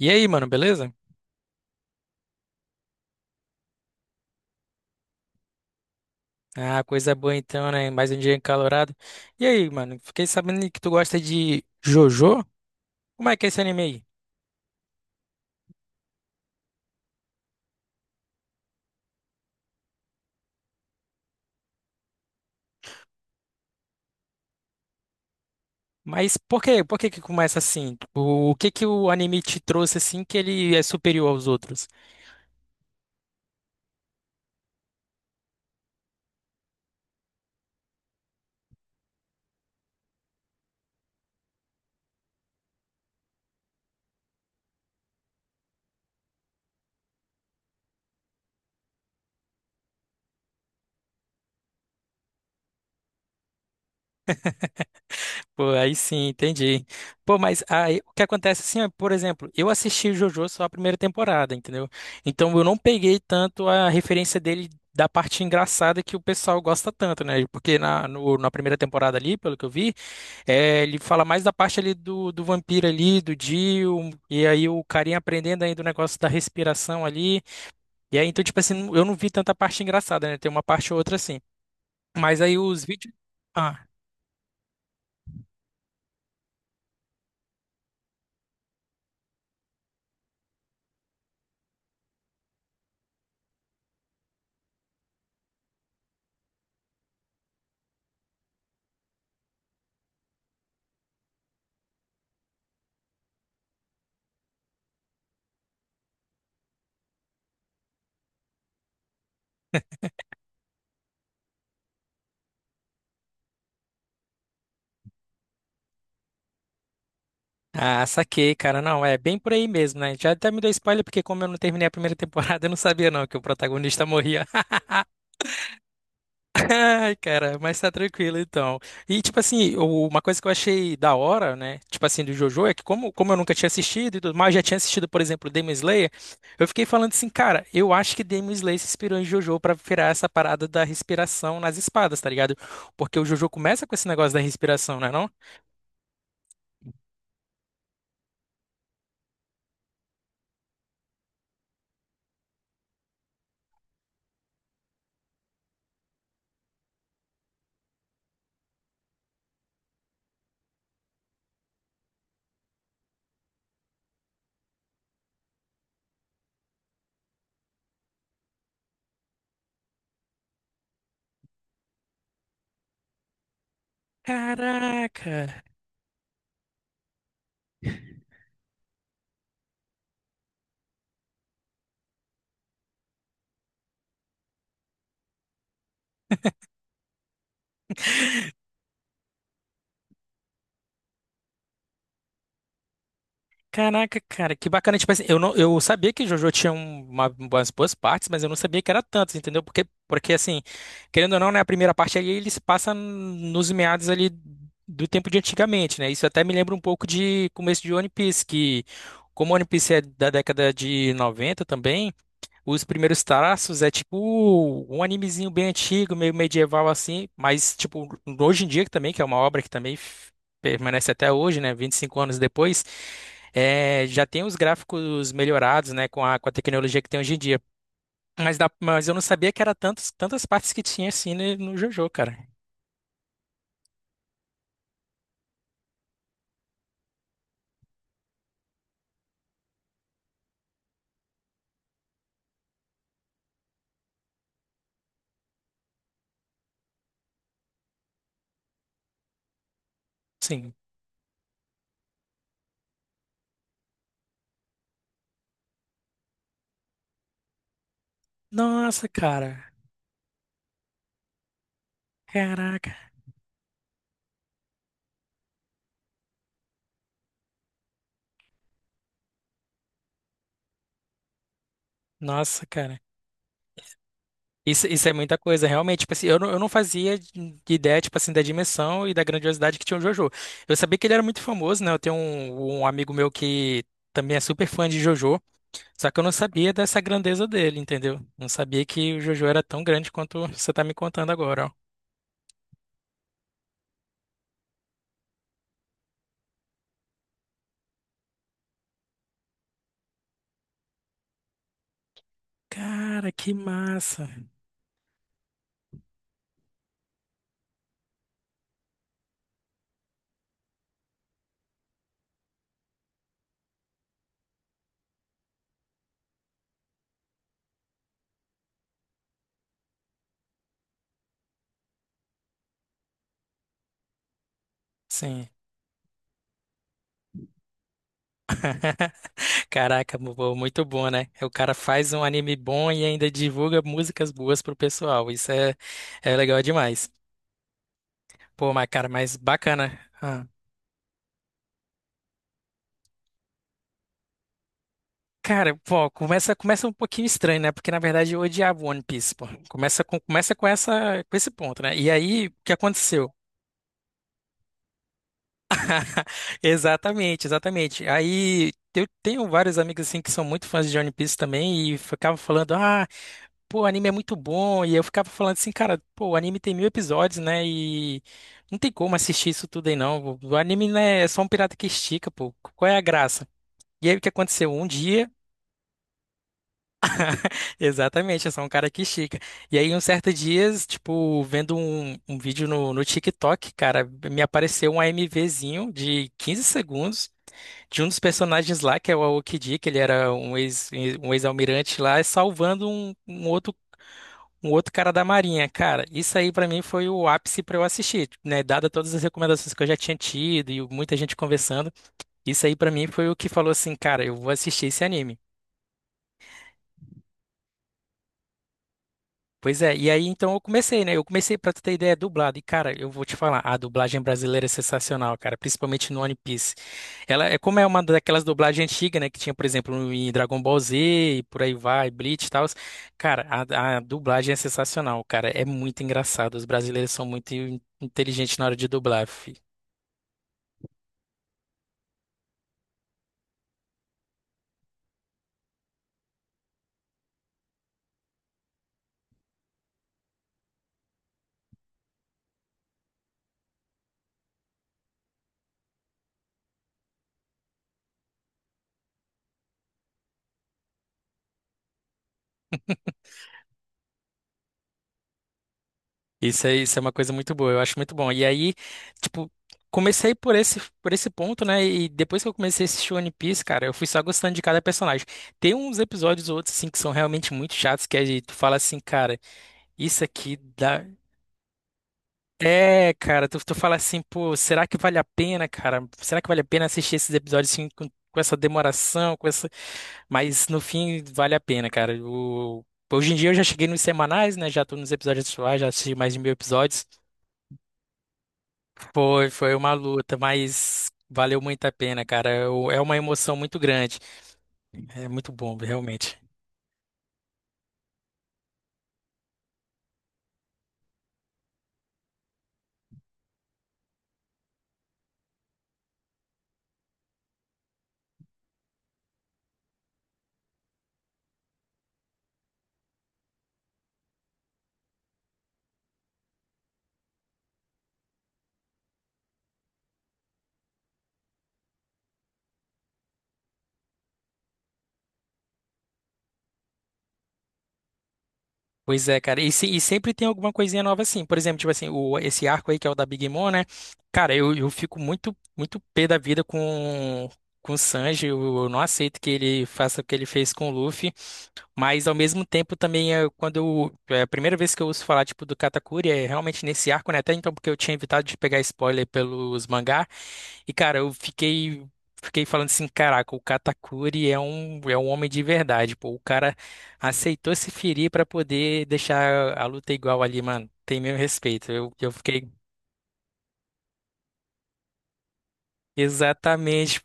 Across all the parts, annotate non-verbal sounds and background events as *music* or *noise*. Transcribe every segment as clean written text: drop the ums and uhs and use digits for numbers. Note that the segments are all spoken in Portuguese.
E aí, mano, beleza? Ah, coisa boa então, né? Mais um dia encalorado. E aí, mano, fiquei sabendo que tu gosta de JoJo? Como é que é esse anime aí? Mas por quê? Por que que começa assim? O que que o anime te trouxe assim que ele é superior aos outros? Pô, aí sim, entendi. Pô, mas aí, o que acontece assim, ó, por exemplo, eu assisti o JoJo só a primeira temporada, entendeu? Então eu não peguei tanto a referência dele da parte engraçada que o pessoal gosta tanto, né? Porque na, no- na primeira temporada ali, pelo que eu vi, é, ele fala mais da parte ali do vampiro ali, do Dio, e aí o carinha aprendendo ainda o negócio da respiração ali. E aí, então, tipo assim, eu não vi tanta parte engraçada, né? Tem uma parte ou outra assim. Mas aí os vídeos. Ah, ah, saquei, cara. Não, é bem por aí mesmo, né? Já até me deu spoiler, porque como eu não terminei a primeira *laughs* temporada, eu não sabia não que o protagonista morria. Ai, cara, mas tá tranquilo então. E, tipo assim, uma coisa que eu achei da hora, né? Tipo assim, do JoJo, é que como eu nunca tinha assistido e tudo mais, já tinha assistido, por exemplo, Demon Slayer, eu fiquei falando assim, cara, eu acho que Demon Slayer se inspirou em JoJo pra virar essa parada da respiração nas espadas, tá ligado? Porque o JoJo começa com esse negócio da respiração, né, não? Caraca! Caraca, cara, que bacana. Tipo assim, eu não, eu sabia que JoJo tinha umas boas partes, mas eu não sabia que era tantas, entendeu? Porque assim, querendo ou não, né, a primeira parte ali ele se passa nos meados ali do tempo de antigamente, né? Isso até me lembra um pouco de começo de One Piece, que como One Piece é da década de 90 também, os primeiros traços é tipo um animezinho bem antigo, meio medieval assim, mas tipo, hoje em dia também, que é uma obra que também permanece até hoje, né, 25 anos depois, é, já tem os gráficos melhorados, né, com a, tecnologia que tem hoje em dia. Mas eu não sabia que era tantas partes que tinha assim no JoJo, cara. Sim. Nossa, cara. Caraca. Nossa, cara. Isso é muita coisa, realmente. Tipo assim, eu não fazia de ideia, tipo assim, da dimensão e da grandiosidade que tinha o JoJo. Eu sabia que ele era muito famoso, né? Eu tenho um amigo meu que também é super fã de JoJo, só que eu não sabia dessa grandeza dele, entendeu? Não sabia que o JoJo era tão grande quanto você tá me contando agora, ó. Cara, que massa. Sim. Caraca, pô, muito bom, né? É, o cara faz um anime bom e ainda divulga músicas boas pro pessoal. Isso é legal demais. Pô, mas cara, mas bacana. Ah, cara, pô, começa um pouquinho estranho, né? Porque na verdade eu odiava One Piece, pô. Começa com esse ponto, né? E aí, o que aconteceu? *laughs* Exatamente, exatamente. Aí eu tenho vários amigos assim que são muito fãs de One Piece também e ficavam falando, ah. Pô, o anime é muito bom. E eu ficava falando assim, cara, pô, o anime tem 1.000 episódios, né? E não tem como assistir isso tudo aí, não. O anime, né, é só um pirata que estica, pô. Qual é a graça? E aí o que aconteceu? Um dia, *laughs* Exatamente, é só um cara que estica. E aí, um certo dia, tipo, vendo um, vídeo no TikTok, cara, me apareceu um AMVzinho de 15 segundos de um dos personagens lá, que é o Aokiji, que ele era um ex, um ex-almirante lá, salvando um, um outro cara da Marinha. Cara, isso aí pra mim foi o ápice pra eu assistir, né? Dada todas as recomendações que eu já tinha tido e muita gente conversando, isso aí pra mim foi o que falou assim, cara, eu vou assistir esse anime. Pois é, e aí então eu comecei, né? Eu comecei, pra tu ter ideia, dublado. E cara, eu vou te falar, a dublagem brasileira é sensacional, cara, principalmente no One Piece. Ela é como é uma daquelas dublagens antigas, né? Que tinha, por exemplo, em Dragon Ball Z e por aí vai, Bleach e tal. Cara, a, dublagem é sensacional, cara. É muito engraçado. Os brasileiros são muito inteligentes na hora de dublar, fi. Isso é uma coisa muito boa, eu acho muito bom. E aí, tipo, comecei por esse ponto, né? E depois que eu comecei a assistir One Piece, cara, eu fui só gostando de cada personagem. Tem uns episódios ou outros, assim, que são realmente muito chatos, que aí tu fala assim, cara, isso aqui dá. É, cara, tu, fala assim, pô, será que vale a pena, cara? Será que vale a pena assistir esses episódios assim, com essa demoração, com essa. Mas no fim, vale a pena, cara. Hoje em dia eu já cheguei nos semanais, né? Já tô nos episódios atuais, já assisti mais de 1.000 episódios. Foi uma luta, mas valeu muito a pena, cara. É uma emoção muito grande. É muito bom, realmente. Pois é, cara. E, se- e sempre tem alguma coisinha nova assim. Por exemplo, tipo assim, esse arco aí que é o da Big Mom, né? Cara, eu fico muito, muito pé da vida com o Sanji. Eu não aceito que ele faça o que ele fez com o Luffy. Mas ao mesmo tempo também é quando é a primeira vez que eu ouço falar tipo do Katakuri é realmente nesse arco, né? Até então porque eu tinha evitado de pegar spoiler pelos mangá e cara, eu fiquei falando assim, caraca, o Katakuri é um homem de verdade, pô. O cara aceitou se ferir pra poder deixar a luta igual ali, mano. Tem meu respeito. Eu fiquei exatamente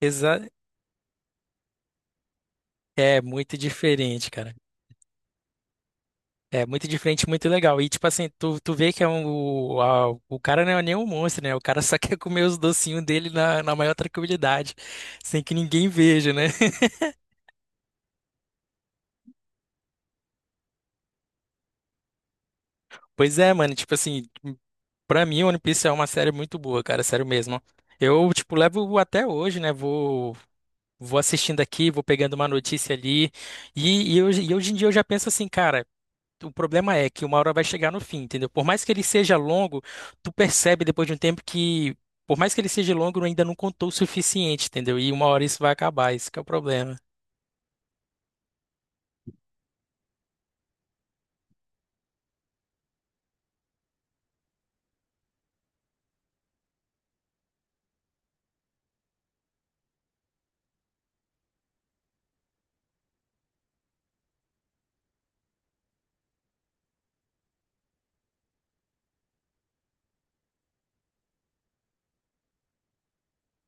exa é muito diferente, cara. É muito diferente, muito legal. E tipo assim, tu, vê que é um, o cara não é nem um monstro, né? O cara só *laughs* quer comer os docinhos dele na maior tranquilidade, sem que ninguém veja, né? *laughs* Pois é, mano, tipo assim, pra mim One Piece é uma série muito boa, cara, sério mesmo. Eu, tipo, levo até hoje, né? vou assistindo aqui, vou pegando uma notícia ali. E hoje em dia eu já penso assim, cara. O problema é que uma hora vai chegar no fim, entendeu? Por mais que ele seja longo, tu percebe depois de um tempo que, por mais que ele seja longo, ainda não contou o suficiente, entendeu? E uma hora isso vai acabar, isso que é o problema.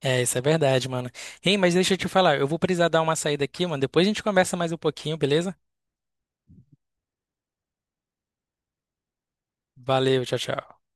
É, isso é verdade, mano. Ei, mas deixa eu te falar, eu vou precisar dar uma saída aqui, mano. Depois a gente conversa mais um pouquinho, beleza? Valeu, tchau, tchau.